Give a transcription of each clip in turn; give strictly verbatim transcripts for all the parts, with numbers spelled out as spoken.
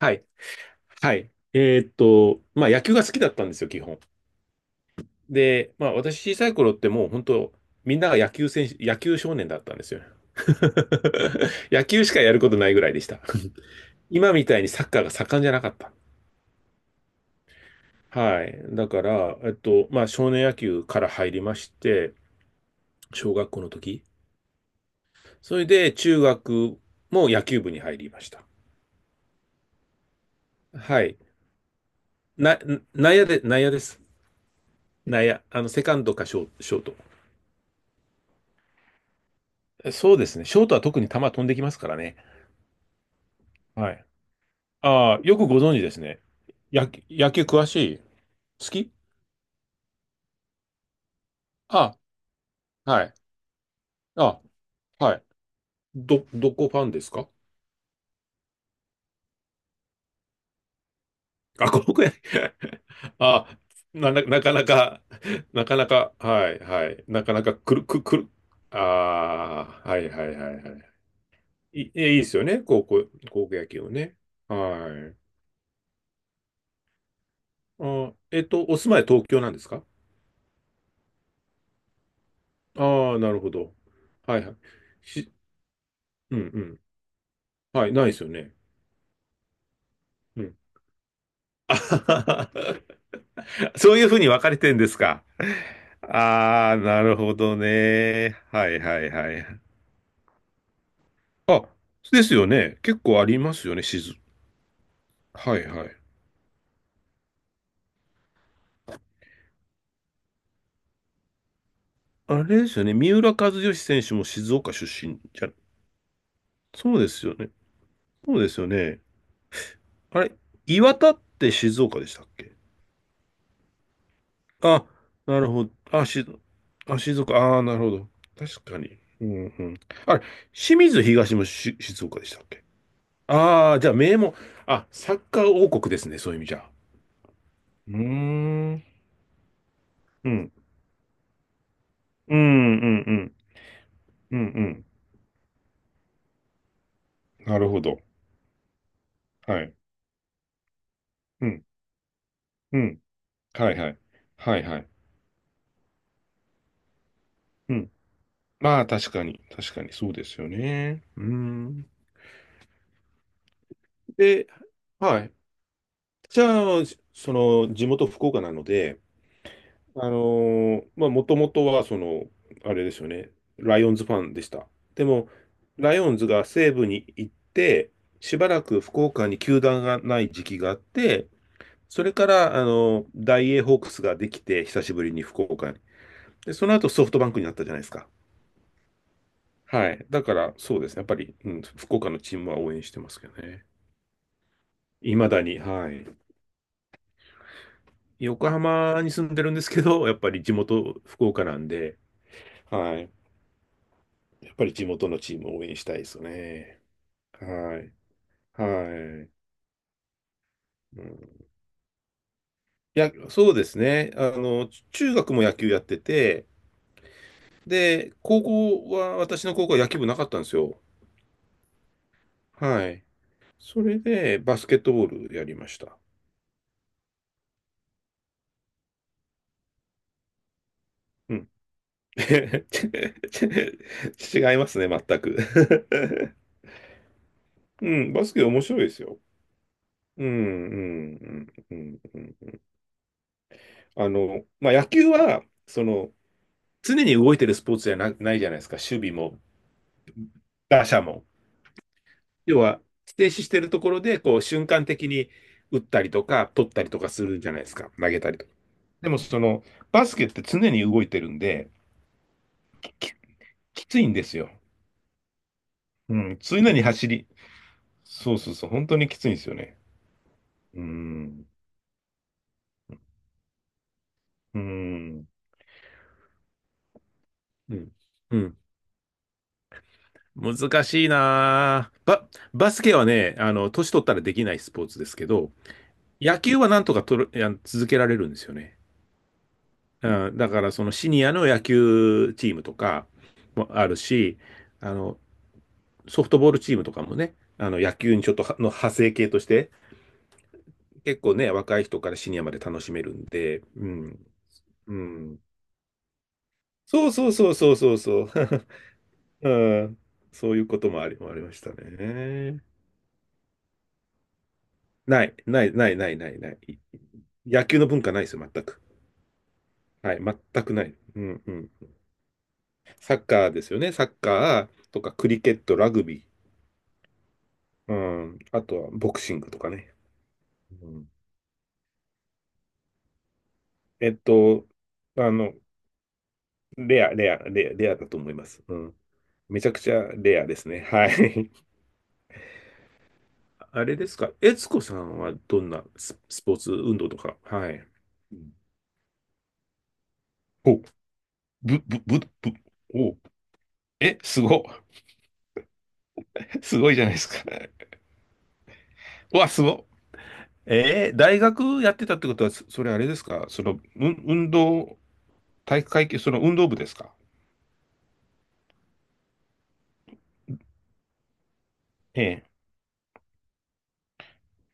はい。はい。えーっと、まあ野球が好きだったんですよ、基本。で、まあ私小さい頃ってもう本当、みんなが野球選手、野球少年だったんですよ。野球しかやることないぐらいでした。今みたいにサッカーが盛んじゃなかった。はい。だから、えっと、まあ少年野球から入りまして、小学校の時。それで中学も野球部に入りました。はい。な、内野で、内野です。内野。あの、セカンドかショー、ショート。そうですね。ショートは特に球飛んできますからね。はい。ああ、よくご存知ですね。野球、野球詳しい？好き？あ、はい。あ、はい。ど、どこファンですか？あ、高校野球。 あ、な、ななかなか、なかなか、はい、はい。なかなかくる、く、くる、ああ、はいはいはいはい。い、いいいですよね。高校、高校野球をね。はい。あー、えっと、お住まい東京なんですか？ああー、なるほど。はいはい。し、うんうん、はい、ないですよね。うん。あはははそういうふうに分かれてるんですか？ああ、なるほどね。はいはいはい。あ、ですよね。結構ありますよね、静。はいはい。あれですよね。三浦和義選手も静岡出身じゃ、そうですよね。そうですよね。あれ、岩田って静岡でしたっけ？あ、なるほど。あ、し、あ、静岡。ああ、なるほど。確かに。うんうん。あれ、清水東もし、静岡でしたっけ？ああ、じゃあ名門、あ、サッカー王国ですね、そういう意味じゃ。うーん。うん。うん、うん、うん。うん、うん。なるほど。はい。うん、うん。はい、はい。はい、はい。うん。まあ、確かに。確かに、そうですよね。うーん。で、はい。じゃあ、その、地元福岡なので、あのーまあ、もともとは、その、あれですよね、ライオンズファンでした。でも、ライオンズが西部に行って、しばらく福岡に球団がない時期があって、それから、あのーダイエーホークスができて、久しぶりに福岡に。で、その後ソフトバンクになったじゃないですか。はい。だから、そうですね。やっぱり、うん、福岡のチームは応援してますけどね。いまだに、はい。横浜に住んでるんですけど、やっぱり地元福岡なんで、はい。やっぱり地元のチームを応援したいですよね。はい。はい。うん、いや、そうですね。あの、中学も野球やってて、で、高校は、私の高校は野球部なかったんですよ。はい。それで、バスケットボールやりました。うん。違いますね、全く。うん、バスケ面白いですよ。うん、うん、うん、うん。うん、あの、まあ、野球は、その、常に動いてるスポーツじゃな、ないじゃないですか。守備もガシャモン。要は、停止してるところで、こう、瞬間的に打ったりとか、取ったりとかするじゃないですか。投げたりとか。でも、その、バスケって常に動いてるんで、き、きついんですよ。うん、常に走り。そうそうそう、本当にきついんですよね。うん、うん、うん、うん。難しいなぁ。バ、バスケはね、あの、年取ったらできないスポーツですけど、野球はなんとかとる、あの続けられるんですよね。うん、だからそのシニアの野球チームとかもあるし、あの、ソフトボールチームとかもね、あの野球にちょっとはの派生系として、結構ね、若い人からシニアまで楽しめるんで、うん、うん。そうそうそうそうそうそう。うん、そういうこともあり、ありましたね。ない、ない、ない、ない、ない、ない。野球の文化ないですよ、全く。はい、全くない。うん、うん。サッカーですよね、サッカーとかクリケット、ラグビー。うん。あとは、ボクシングとかね。うん。えっと、あの、レア、レア、レア、レアだと思います。うん。めちゃくちゃレアですね。はい。あれですか、悦子さんはどんなス、スポーツ運動とか？はい。うん、お、ぶ、ぶ、ぶ、ぶ、お、え、すご、すごいじゃないですか。わ、すご。えー大学やってたってことは、そそれあれですか、その、うん、運動、体育会系、その運動部ですか？ええ。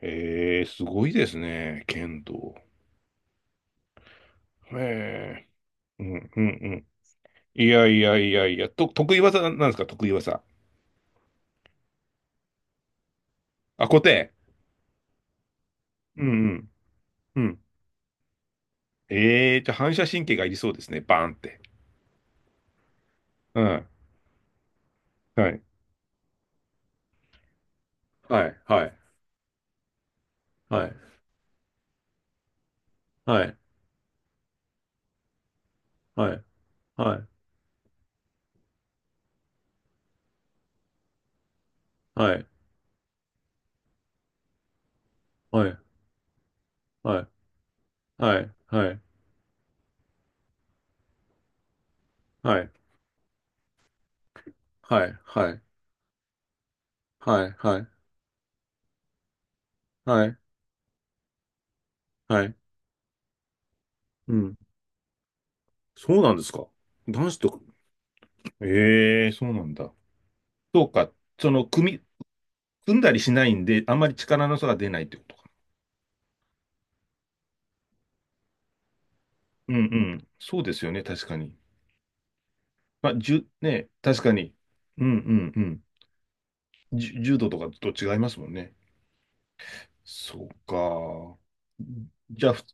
えーすごいですね、剣道。へえ。うん、うん、うん。いやいやいやいや、と、得意技ななんですか？得意技。あ、固定。うん、うん、うん。ええ、じゃあ反射神経がいりそうですね、バーンって。うん。はい。はい、はい、はい、はい、はい、はい、はい、はい、はい、はい、はい、はい、はい、はい、はい、はい、はい、はい、うん。そうなんですか？男子と、ええ、そうなんだ。そうか、その、組み、組んだりしないんで、あんまり力の差が出ないってことか。うんうん。そうですよね、確かに。まあ、じゅ、ね、確かに。うんうんうん。じゅ、柔道とかと違いますもんね。そうか。じゃあ、ふ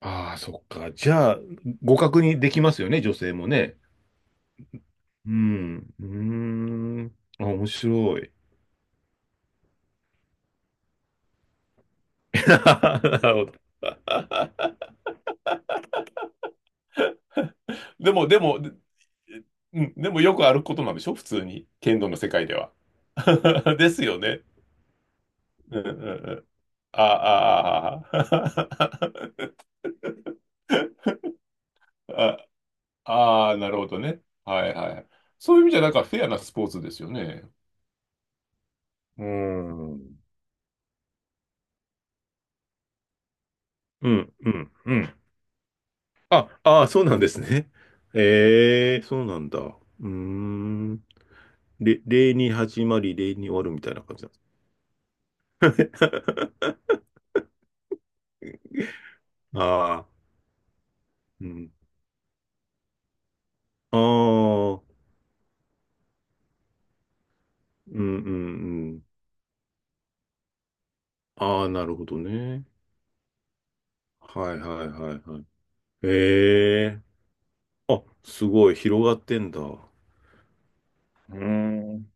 ああ、そっか。じゃあ、互角にできますよね、女性もね。うん。うーん。あ、面白い。なるほど。でも、でも、うん、でもよくあることなんでしょ、普通に。剣道の世界では。ですよね。うんうんうん。ああ、ああ。あああ、ああ、なるほどね。はいはい。そういう意味じゃ、なんかフェアなスポーツですよね。うーん。うん、うん、うん。あ、ああ、そうなんですね。ええ、そうなんだ。うーん。れ、礼に始まり、礼に終わるみたいな感じなんですね。ああ、うん。ああ、うん、うん、うん。ああ、なるほどね。はい、はい、はい、はい。ええ、あ、すごい、広がってんだ。うーん。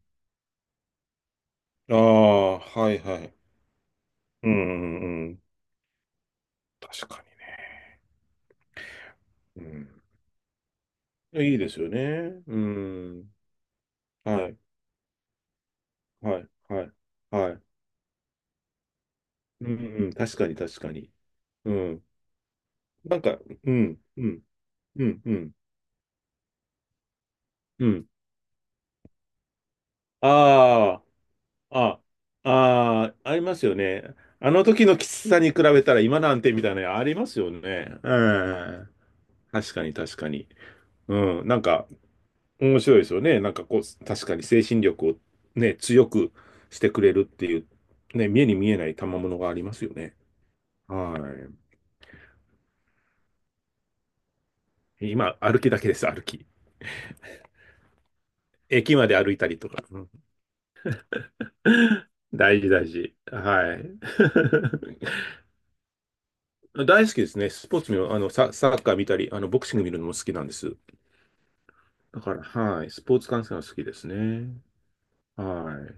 ああ、はい、はい。うんうんうん。確かに。うん。いいですよね。うん。はい。はい。はい。はい。うん、うん。確かに、確かに。うん。なんか、うん。うん。うん。うん。うん。ああ、ああ、ありますよね。あの時のきつさに比べたら今なんてみたいなのありますよね。うん。確かに、確かに。うん。なんか、面白いですよね。なんかこう、確かに精神力をね、強くしてくれるっていう、ね、目に見えない賜物がありますよね。はい。今、歩きだけです、歩き。駅まで歩いたりとか。うん。 大事、大事。はい。大好きですね。スポーツ見る、あの、サ、サッカー見たり、あの、ボクシング見るのも好きなんです。だから、はい。スポーツ観戦は好きですね。はい。